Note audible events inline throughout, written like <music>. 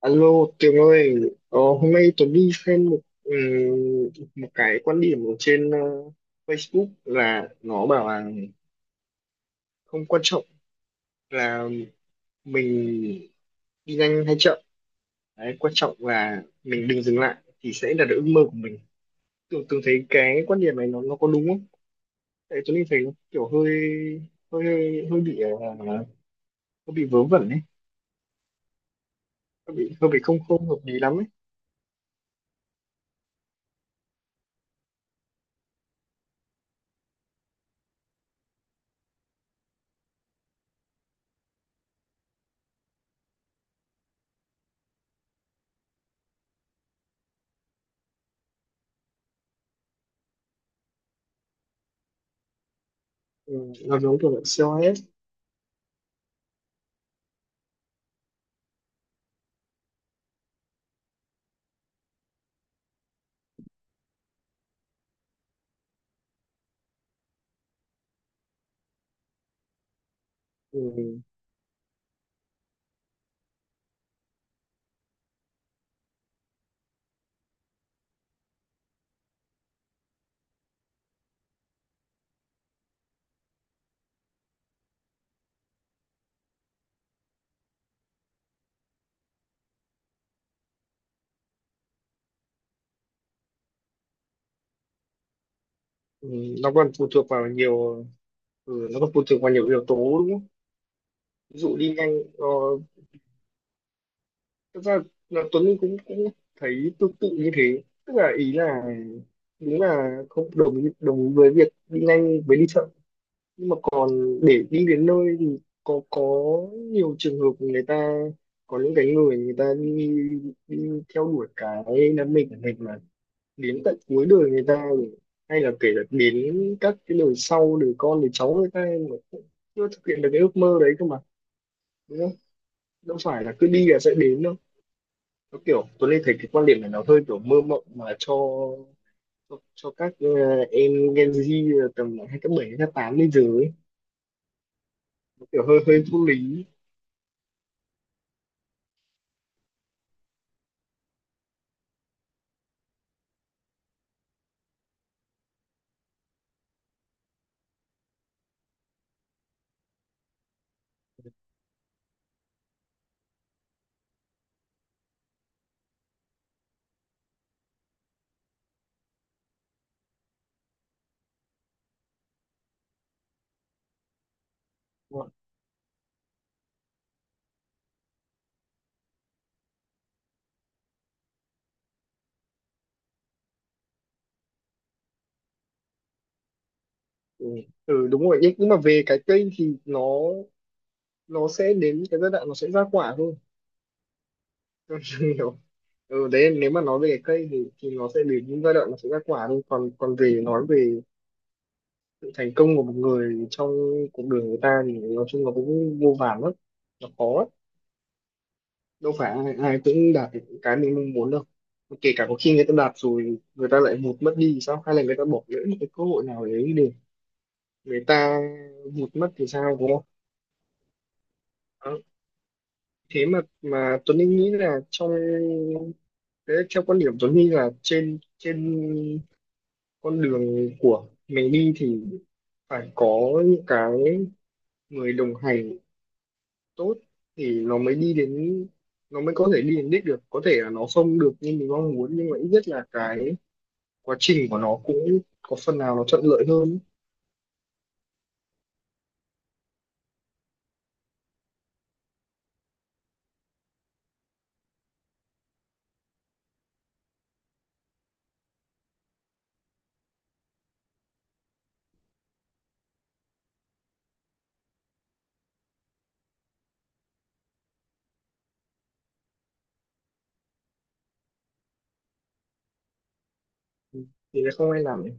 Alo Tường ơi, hôm nay Tuấn đi xem một một cái quan điểm ở trên Facebook là nó bảo là không quan trọng là mình đi nhanh hay chậm, đấy, quan trọng là mình đừng dừng lại thì sẽ đạt được ước mơ của mình. Tường Tường thấy cái quan điểm này nó có đúng không? Tại Tuấn đi thấy nó kiểu hơi, hơi bị vớ vẩn ấy, hơi bị không không hợp lý lắm ấy, ừ, nó giống kiểu là COS. Ừ. Ừ, nó còn phụ thuộc vào nhiều ừ, nó còn phụ thuộc vào nhiều yếu tố đúng không? Ví dụ đi nhanh, ờ, thật ra là Tuấn Linh cũng cũng thấy tương tự như thế, tức là ý là đúng là không đồng ý- đồng ý với việc đi nhanh với đi chậm, nhưng mà còn để đi đến nơi thì có nhiều trường hợp người ta có những cái người người ta đi, đi theo đuổi cái đam mê của mình mà đến tận cuối đời người ta, hay là kể cả đến các cái đời sau, đời con đời cháu người ta mà cũng chưa thực hiện được cái ước mơ đấy cơ mà. Đâu phải là cứ đi là sẽ đến đâu. Nó kiểu tôi lên thấy cái quan điểm này nó hơi kiểu mơ mộng mà cho cho các em Gen Z tầm hai cấp bảy cấp tám lên dưới ấy. Nó kiểu hơi hơi vô lý. Ừ. Ừ đúng rồi, nhưng mà về cái cây thì nó sẽ đến cái giai đoạn nó sẽ ra quả thôi. Tôi hiểu. <laughs> Ừ đấy, nếu mà nói về cái cây thì nó sẽ đến những giai đoạn nó sẽ ra quả thôi, còn còn về nói về sự thành công của một người trong cuộc đời người ta thì nói chung là cũng vô vàn lắm, nó khó lắm. Đâu phải ai cũng đạt được cái mình mong muốn đâu. Kể cả có khi người ta đạt rồi người ta lại vụt mất đi thì sao, hay là người ta bỏ lỡ một cái cơ hội nào đấy để người ta vụt mất thì sao, đúng không? Đó. Thế mà Tuấn Anh nghĩ là trong thế theo quan điểm Tuấn Anh là trên trên con đường của mình đi thì phải có những cái người đồng hành tốt thì nó mới đi đến, nó mới có thể đi đến đích được, có thể là nó không được như mình mong muốn nhưng mà ít nhất là cái quá trình của nó cũng có phần nào nó thuận lợi hơn ấy. Thì nó không ai làm ấy.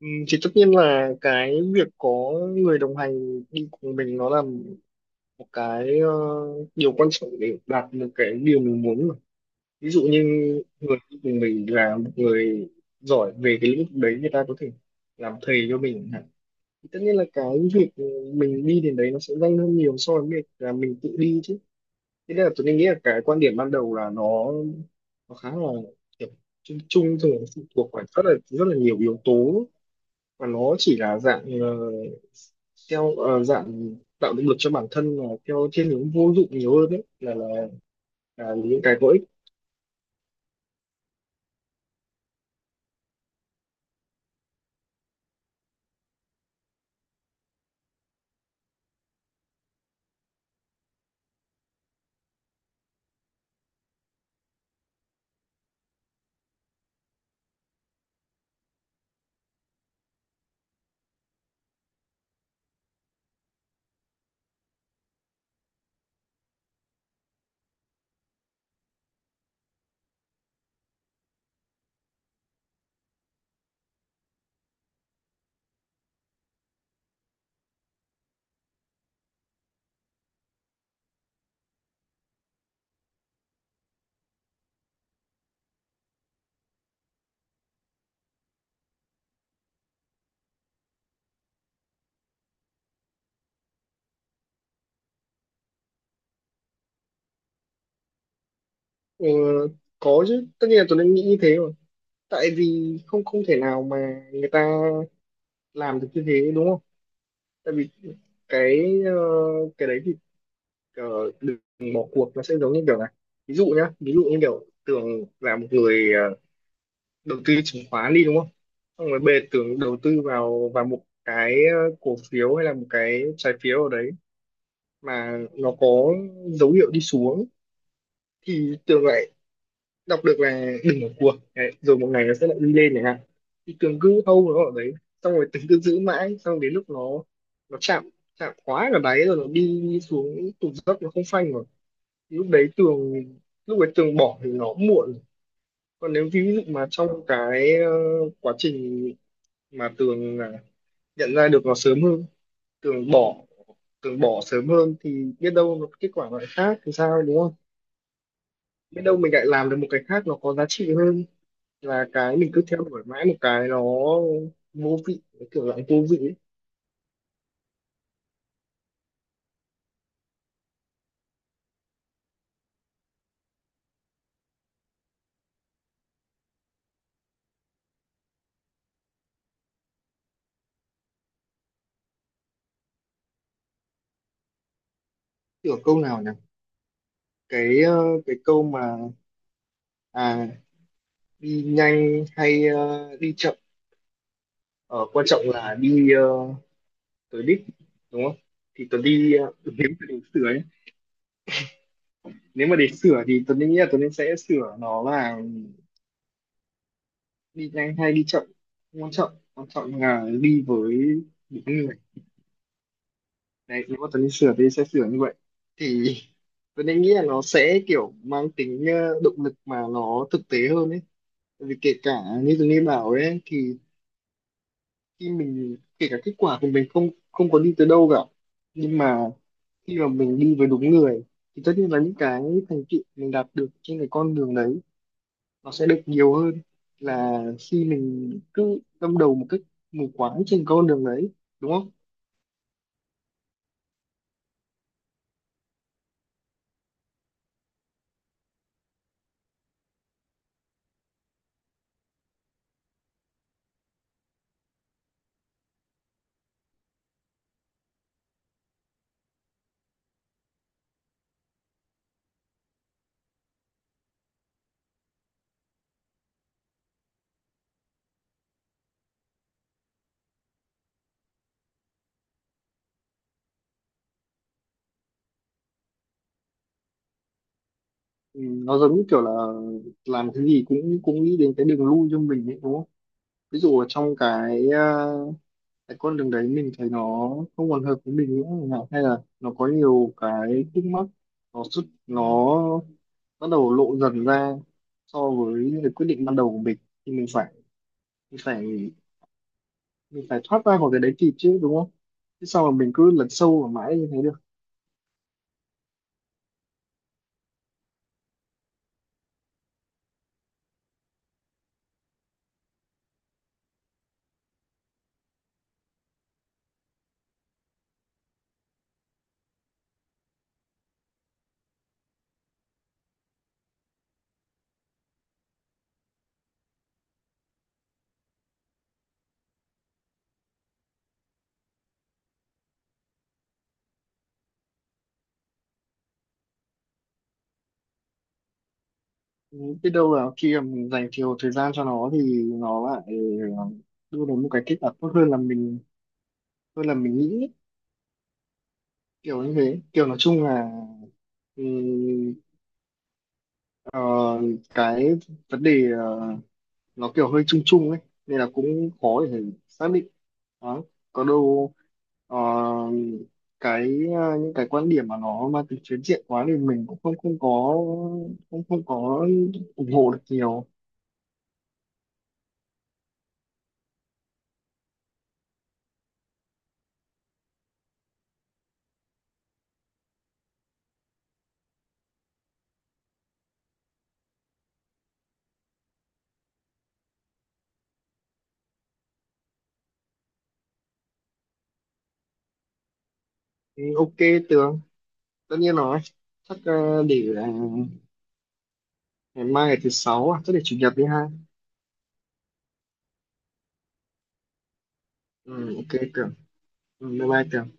Ừ, thì tất nhiên là cái việc có người đồng hành đi cùng mình nó là một cái điều quan trọng để đạt được cái điều mình muốn mà. Ví dụ như người đi cùng mình là một người giỏi về cái lĩnh vực đấy, người ta có thể làm thầy cho mình chẳng hạn. Thì tất nhiên là cái việc mình đi đến đấy nó sẽ nhanh hơn nhiều so với việc là mình tự đi chứ. Thế nên là tôi nghĩ là cái quan điểm ban đầu là nó khá là kiểu chung chung thôi, nó phụ thuộc vào rất là nhiều yếu tố, và nó chỉ là dạng theo dạng tạo động lực cho bản thân là theo thiên hướng vô dụng nhiều hơn đấy là những cái có ích. Ờ, có chứ, tất nhiên là tôi đang nghĩ như thế rồi, tại vì không không thể nào mà người ta làm được như thế đúng không. Tại vì cái cái đấy thì ờ, đừng bỏ cuộc nó sẽ giống như kiểu này. Ví dụ nhá, ví dụ như kiểu Tường là một người đầu tư chứng khoán đi đúng không, xong rồi bề Tường đầu tư vào vào một cái cổ phiếu hay là một cái trái phiếu ở đấy mà nó có dấu hiệu đi xuống, thì Tường lại đọc được là đừng bỏ cuộc đấy, rồi một ngày nó sẽ lại đi lên chẳng hạn. Thì Tường cứ hold nó ở đấy, xong rồi Tường cứ giữ mãi, xong đến lúc nó chạm, chạm quá là đáy rồi nó đi xuống, tụt dốc nó không phanh mà, lúc đấy tường, lúc đấy tường bỏ thì nó muộn. Còn nếu ví dụ mà trong cái quá trình mà tường nhận ra được nó sớm hơn, tường bỏ, tường bỏ sớm hơn thì biết đâu nó kết quả nó lại khác thì sao đúng không. Biết đâu mình lại làm được một cái khác nó có giá trị hơn là cái mình cứ theo đuổi mãi một cái nó vô vị, cái kiểu dạng vô vị ấy. Kiểu câu nào nhỉ? Cái cái câu mà à đi nhanh hay đi chậm ở quan trọng là đi Tớ đích đúng không. Thì tớ đi nếu mà để sửa ấy, nếu mà để sửa thì tớ nghĩ là tớ nên sẽ sửa nó là đi nhanh hay đi chậm không quan trọng, quan trọng là đi với đúng người. Đấy nếu mà tớ nên sửa thì sẽ sửa như vậy, thì tớ nên nghĩ là nó sẽ kiểu mang tính động lực mà nó thực tế hơn ấy. Tại vì kể cả như tớ nên bảo ấy, thì khi mình kể cả kết quả của mình không không có đi tới đâu cả, nhưng mà khi mà mình đi với đúng người thì tất nhiên là những cái thành tựu mình đạt được trên cái con đường đấy nó sẽ được nhiều hơn là khi mình cứ đâm đầu một cách mù quáng trên con đường đấy đúng không. Ừ, nó giống như kiểu là làm cái gì cũng cũng nghĩ đến cái đường lui cho mình ấy, đúng không. Ví dụ ở trong cái cái con đường đấy mình thấy nó không còn hợp với mình nữa chẳng hạn, hay là nó có nhiều cái khúc mắc nó xuất nó bắt đầu lộ dần ra so với những cái quyết định ban đầu của mình, thì mình phải mình phải thoát ra khỏi cái đấy kịp chứ đúng không, chứ sao mà mình cứ lấn sâu vào mãi như thế được. Ừ, biết đâu là khi mà mình dành nhiều thời gian cho nó thì nó lại ờ, đưa đến một cái kết quả tốt hơn là mình nghĩ, kiểu như thế, kiểu nói chung là ừ, ờ, cái vấn đề nó kiểu hơi chung chung ấy, nên là cũng khó để xác định. Đó. Có đâu ờ, cái những cái quan điểm mà nó mang tính phiến diện quá thì mình cũng không không có không không có ủng hộ được nhiều. Ừ, Ok Tường, tất nhiên rồi. Chắc để ngày mai ngày thứ sáu à, chắc để chủ nhật đi ha. Ừ, ok Tường. Ừ, bye bye Tường.